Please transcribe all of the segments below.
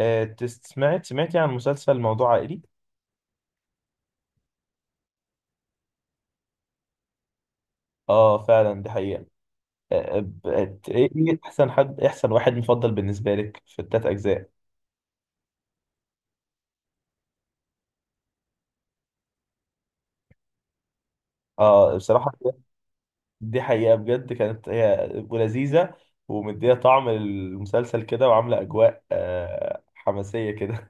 سمعتي عن مسلسل موضوع عائلي؟ اه، فعلا دي حقيقة. ايه إيه احسن حد إيه احسن واحد مفضل بالنسبة لك في التلات اجزاء؟ اه، بصراحة. دي حقيقة، بجد كانت هي ولذيذة، ومدية طعم المسلسل كده وعاملة اجواء حماسية كده.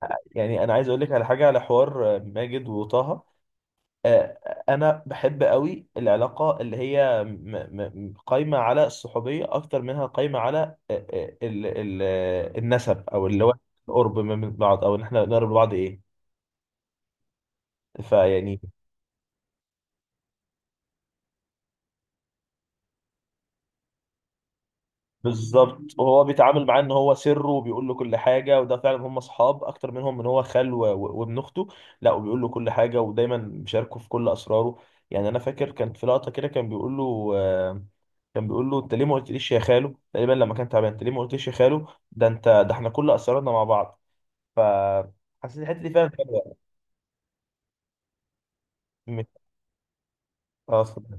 يعني انا عايز اقول لك على حاجة، على حوار ماجد وطه. آه، انا بحب قوي العلاقه اللي هي قايمه على الصحوبيه اكتر منها قايمه على النسب، او اللي هو القرب من بعض، او ان احنا نقرب لبعض، ايه. فيعني، بالظبط، وهو بيتعامل معاه ان هو سره وبيقول له كل حاجه، وده فعلا هم اصحاب اكتر منهم ان هو خال وابن اخته. لا، وبيقول له كل حاجه ودايما بيشاركه في كل اسراره. يعني انا فاكر كان في لقطه كده، كان بيقول له كان بيقول له: انت ليه ما قلتليش يا خالو؟ تقريبا لما كان تعبان، انت ليه ما قلتليش يا خالو؟ ده انت، ده احنا كل اسرارنا مع بعض. ف حسيت الحته دي فعلا حلوه. م- اه، اتفضل.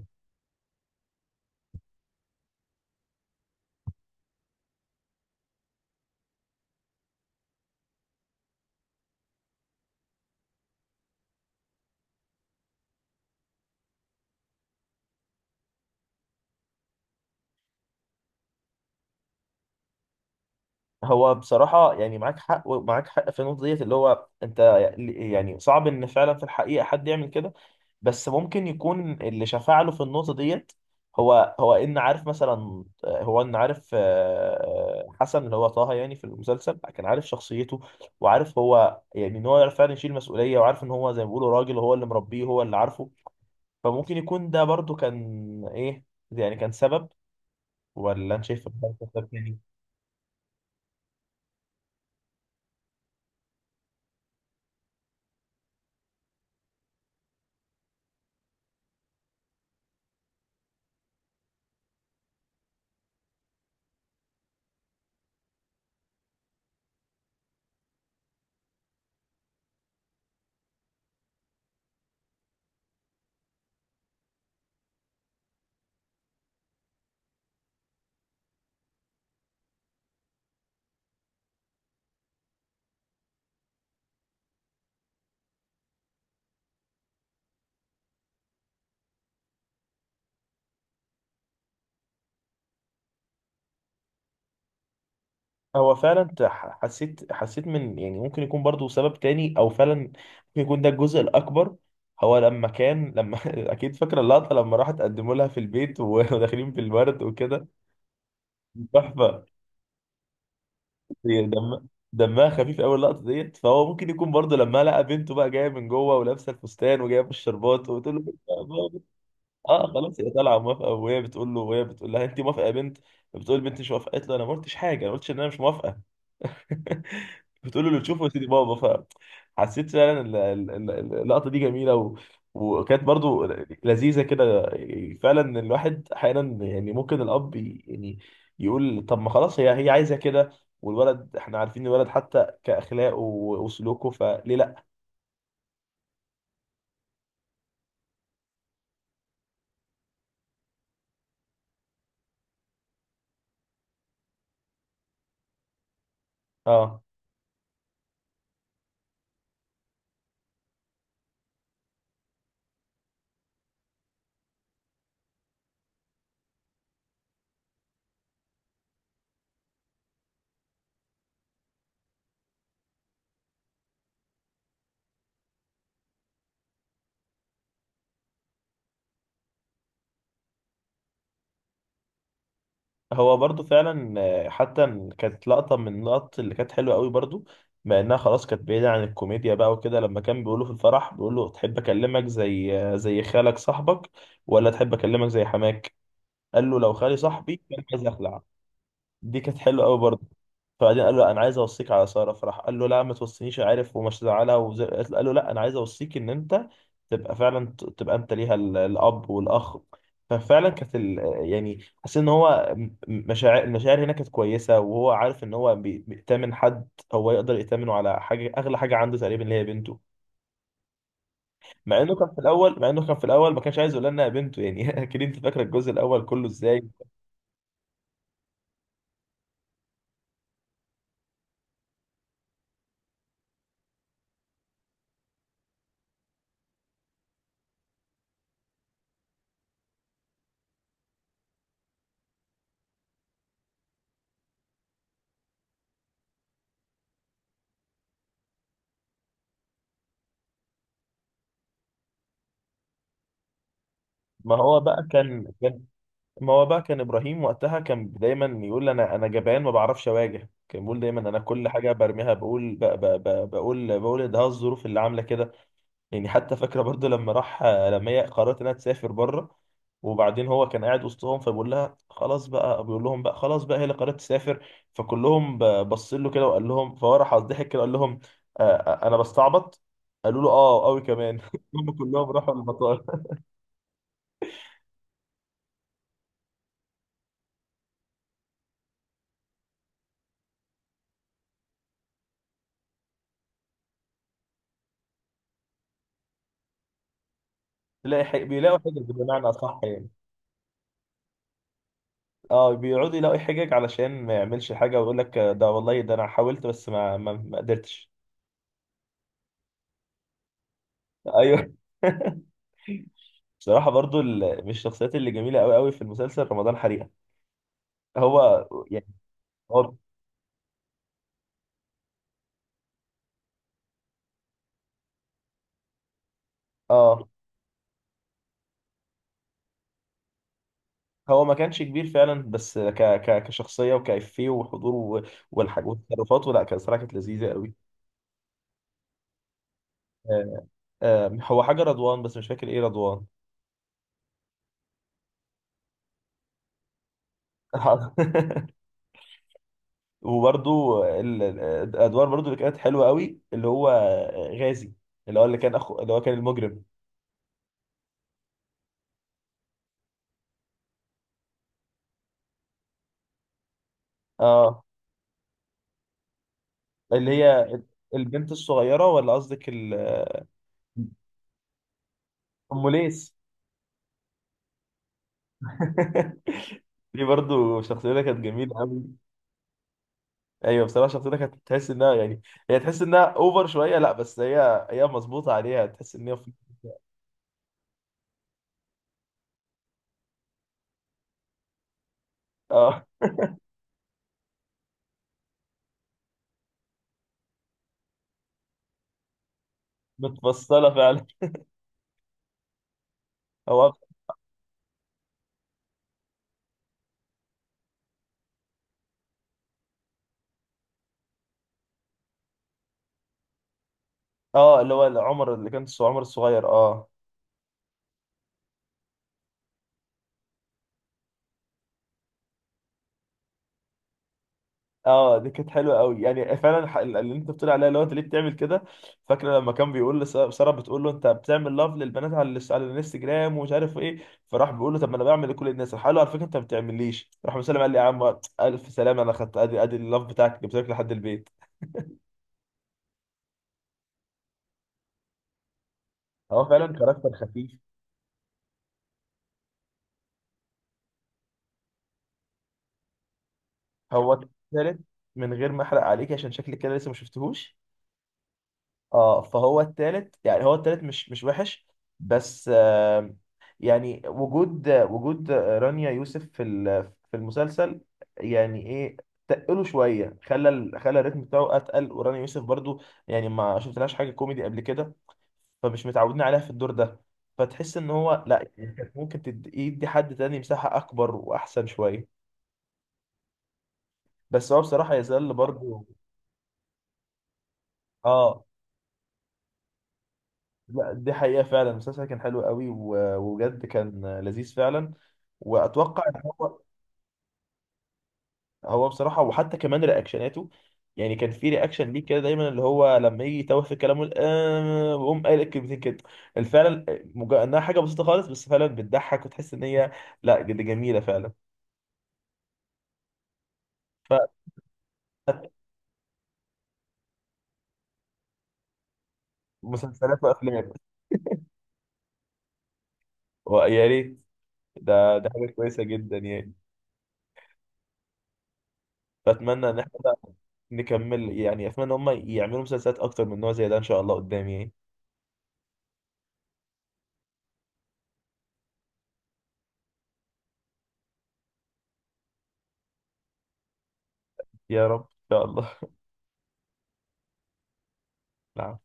هو بصراحه يعني معاك حق، ومعاك حق في النقطه ديت، اللي هو انت يعني صعب ان فعلا في الحقيقه حد يعمل كده. بس ممكن يكون اللي شفع له في النقطة ديت، هو ان عارف، مثلا هو ان عارف حسن، اللي هو طه، يعني في المسلسل كان عارف شخصيته، وعارف هو، يعني ان هو يعرف فعلا يشيل مسؤولية، وعارف ان هو زي ما بيقولوا راجل، هو اللي مربيه هو اللي عارفه. فممكن يكون ده برضو كان ايه، يعني كان سبب. ولا انت شايف إن ده كان سبب تاني؟ هو فعلا حسيت من، يعني ممكن يكون برضو سبب تاني، او فعلا ممكن يكون ده الجزء الاكبر. هو لما كان لما اكيد فاكره اللقطه لما راح تقدموا لها في البيت وداخلين بالورد وكده. تحفه. هي دم دمها خفيف قوي اللقطه ديت. فهو ممكن يكون برضو لما لقى بنته بقى جايه من جوه ولابسه الفستان وجايبه الشربات وبتقول له: اه خلاص، هي طالعه موافقه. وهي بتقول له، وهي بتقول لها: انت موافقه يا بنت؟ بتقول البنت مش موافقه، قالت له: انا ما قلتش حاجه، انا ما قلتش ان انا مش موافقه. بتقول له: اللي تشوفه يا سيدي بابا. فحسيت فعلا اللقطه دي جميله وكانت برضو لذيذه كده. فعلا الواحد احيانا يعني، ممكن الاب يعني يقول: طب ما خلاص، هي عايزه كده، والولد احنا عارفين الولد حتى كاخلاقه وسلوكه، فليه لا؟ اه، هو برضو فعلا حتى كانت لقطة من اللقط اللي كانت حلوة قوي برضو، مع انها خلاص كانت بعيدة عن الكوميديا بقى وكده، لما كان بيقوله في الفرح، بيقوله: تحب اكلمك زي زي خالك صاحبك، ولا تحب اكلمك زي حماك؟ قال له: لو خالي صاحبي كان عايز اخلع. دي كانت حلوه قوي برضه. فبعدين قال له: انا عايز اوصيك على ساره. فراح قال له: لا، ما توصينيش، عارف، ومش زعلها وزي... قال له: لا، انا عايز اوصيك ان انت تبقى فعلا تبقى انت ليها الاب والاخ. ففعلا كانت يعني، حسيت ان هو مشاعر، المشاعر هنا كانت كويسه، وهو عارف ان هو بيأتمن حد، هو يقدر يأتمنه على حاجه، اغلى حاجه عنده تقريبا اللي هي بنته. مع انه كان في الاول، ما كانش عايز يقول لنا بنته يعني. اكيد انت فاكره الجزء الاول كله ازاي. ما هو بقى كان ما هو بقى كان ابراهيم وقتها كان دايما يقول: انا جبان، ما بعرفش اواجه. كان بيقول دايما: انا كل حاجه برميها، بقول ب- ب- ب- بقول بقول ان ده الظروف اللي عامله كده. يعني حتى فاكره برضو لما هي قررت انها تسافر بره. وبعدين هو كان قاعد وسطهم، فبيقول لها: خلاص بقى. بيقول لهم بقى: خلاص بقى، هي اللي قررت تسافر. فكلهم بص له كده، وقال لهم، فهو راح ضحك كده، قال لهم: انا بستعبط. قالوا له: اه قوي كمان. هم كلهم راحوا المطار. تلاقي بيلاقوا حاجه بمعنى اصح يعني. اه، بيقعدوا يلاقوا حجج علشان ما يعملش حاجه، ويقول لك: ده والله، ده انا حاولت بس ما قدرتش. ايوه. بصراحه برضو من الشخصيات اللي جميله قوي قوي في المسلسل رمضان حريقه. هو يعني هو اه هو ما كانش كبير فعلا، بس ك ك كشخصيه وكافيه وحضور والحاج والتصرفات، ولا كان صراحه كانت لذيذه قوي. آه هو حاجه رضوان، بس مش فاكر ايه رضوان. وبرضو الادوار برضو اللي كانت حلوه قوي، اللي هو غازي، اللي هو اللي كان اخو، اللي هو كان المجرم. اه، اللي هي البنت الصغيره، ولا قصدك ام ليس. دي برضو شخصيتها كانت جميله قوي. ايوه بصراحه شخصيتها كانت تحس انها يعني، هي تحس انها اوفر شويه، لا بس هي مظبوطه عليها، تحس ان هي اه، متفصله فعلا. هو اه اللي هو عمر، اللي كان عمر الصغير، اه. اه، دي كانت حلوه قوي يعني، فعلا اللي انت بتقول عليها، اللي هو انت ليه بتعمل كده. فاكره لما كان بيقول لساره، سارة بتقول له: انت بتعمل لاف للبنات على على الانستجرام ومش عارف ايه. فراح بيقول له: طب ما انا بعمل لكل الناس. راح قال له: على فكره انت ما بتعمليش. راح مسلم قال لي: يا عم الف سلامه، انا خدت، ادي ادي اللاف بتاعك جبت لك لحد البيت. هو فعلا كاركتر خفيف. هو ثالث، من غير ما احرق عليك، عشان شكلك كده لسه ما شفتهوش. اه، فهو التالت يعني، هو التالت مش وحش. بس آه، يعني وجود رانيا يوسف في في المسلسل، يعني ايه، تقله شويه. خلى خلى الريتم بتاعه اتقل، ورانيا يوسف برضو يعني ما شفتلهاش حاجه كوميدي قبل كده، فمش متعودين عليها في الدور ده. فتحس ان هو لا، يعني كانت ممكن يدي حد تاني مساحه اكبر واحسن شويه. بس هو بصراحه يظل برضو. اه، لا دي حقيقة فعلا، المسلسل كان حلو قوي وبجد كان لذيذ فعلا، وأتوقع إن هو. هو بصراحة، وحتى كمان رياكشناته، يعني كان في رياكشن ليه كده دايما، اللي هو لما يجي يتوه في كلامه ويقوم قايل الكلمتين كده. فعلا إنها حاجة بسيطة خالص، بس فعلا بتضحك وتحس إن هي، لا جد جميلة فعلا. فمسلسلات وأفلام، ويا ريت. ده حاجة كويسة جدا يعني، فأتمنى إن إحنا نكمل، يعني أتمنى إن هم يعملوا مسلسلات أكتر من نوع زي ده إن شاء الله قدام يعني. يا رب ان شاء الله. نعم.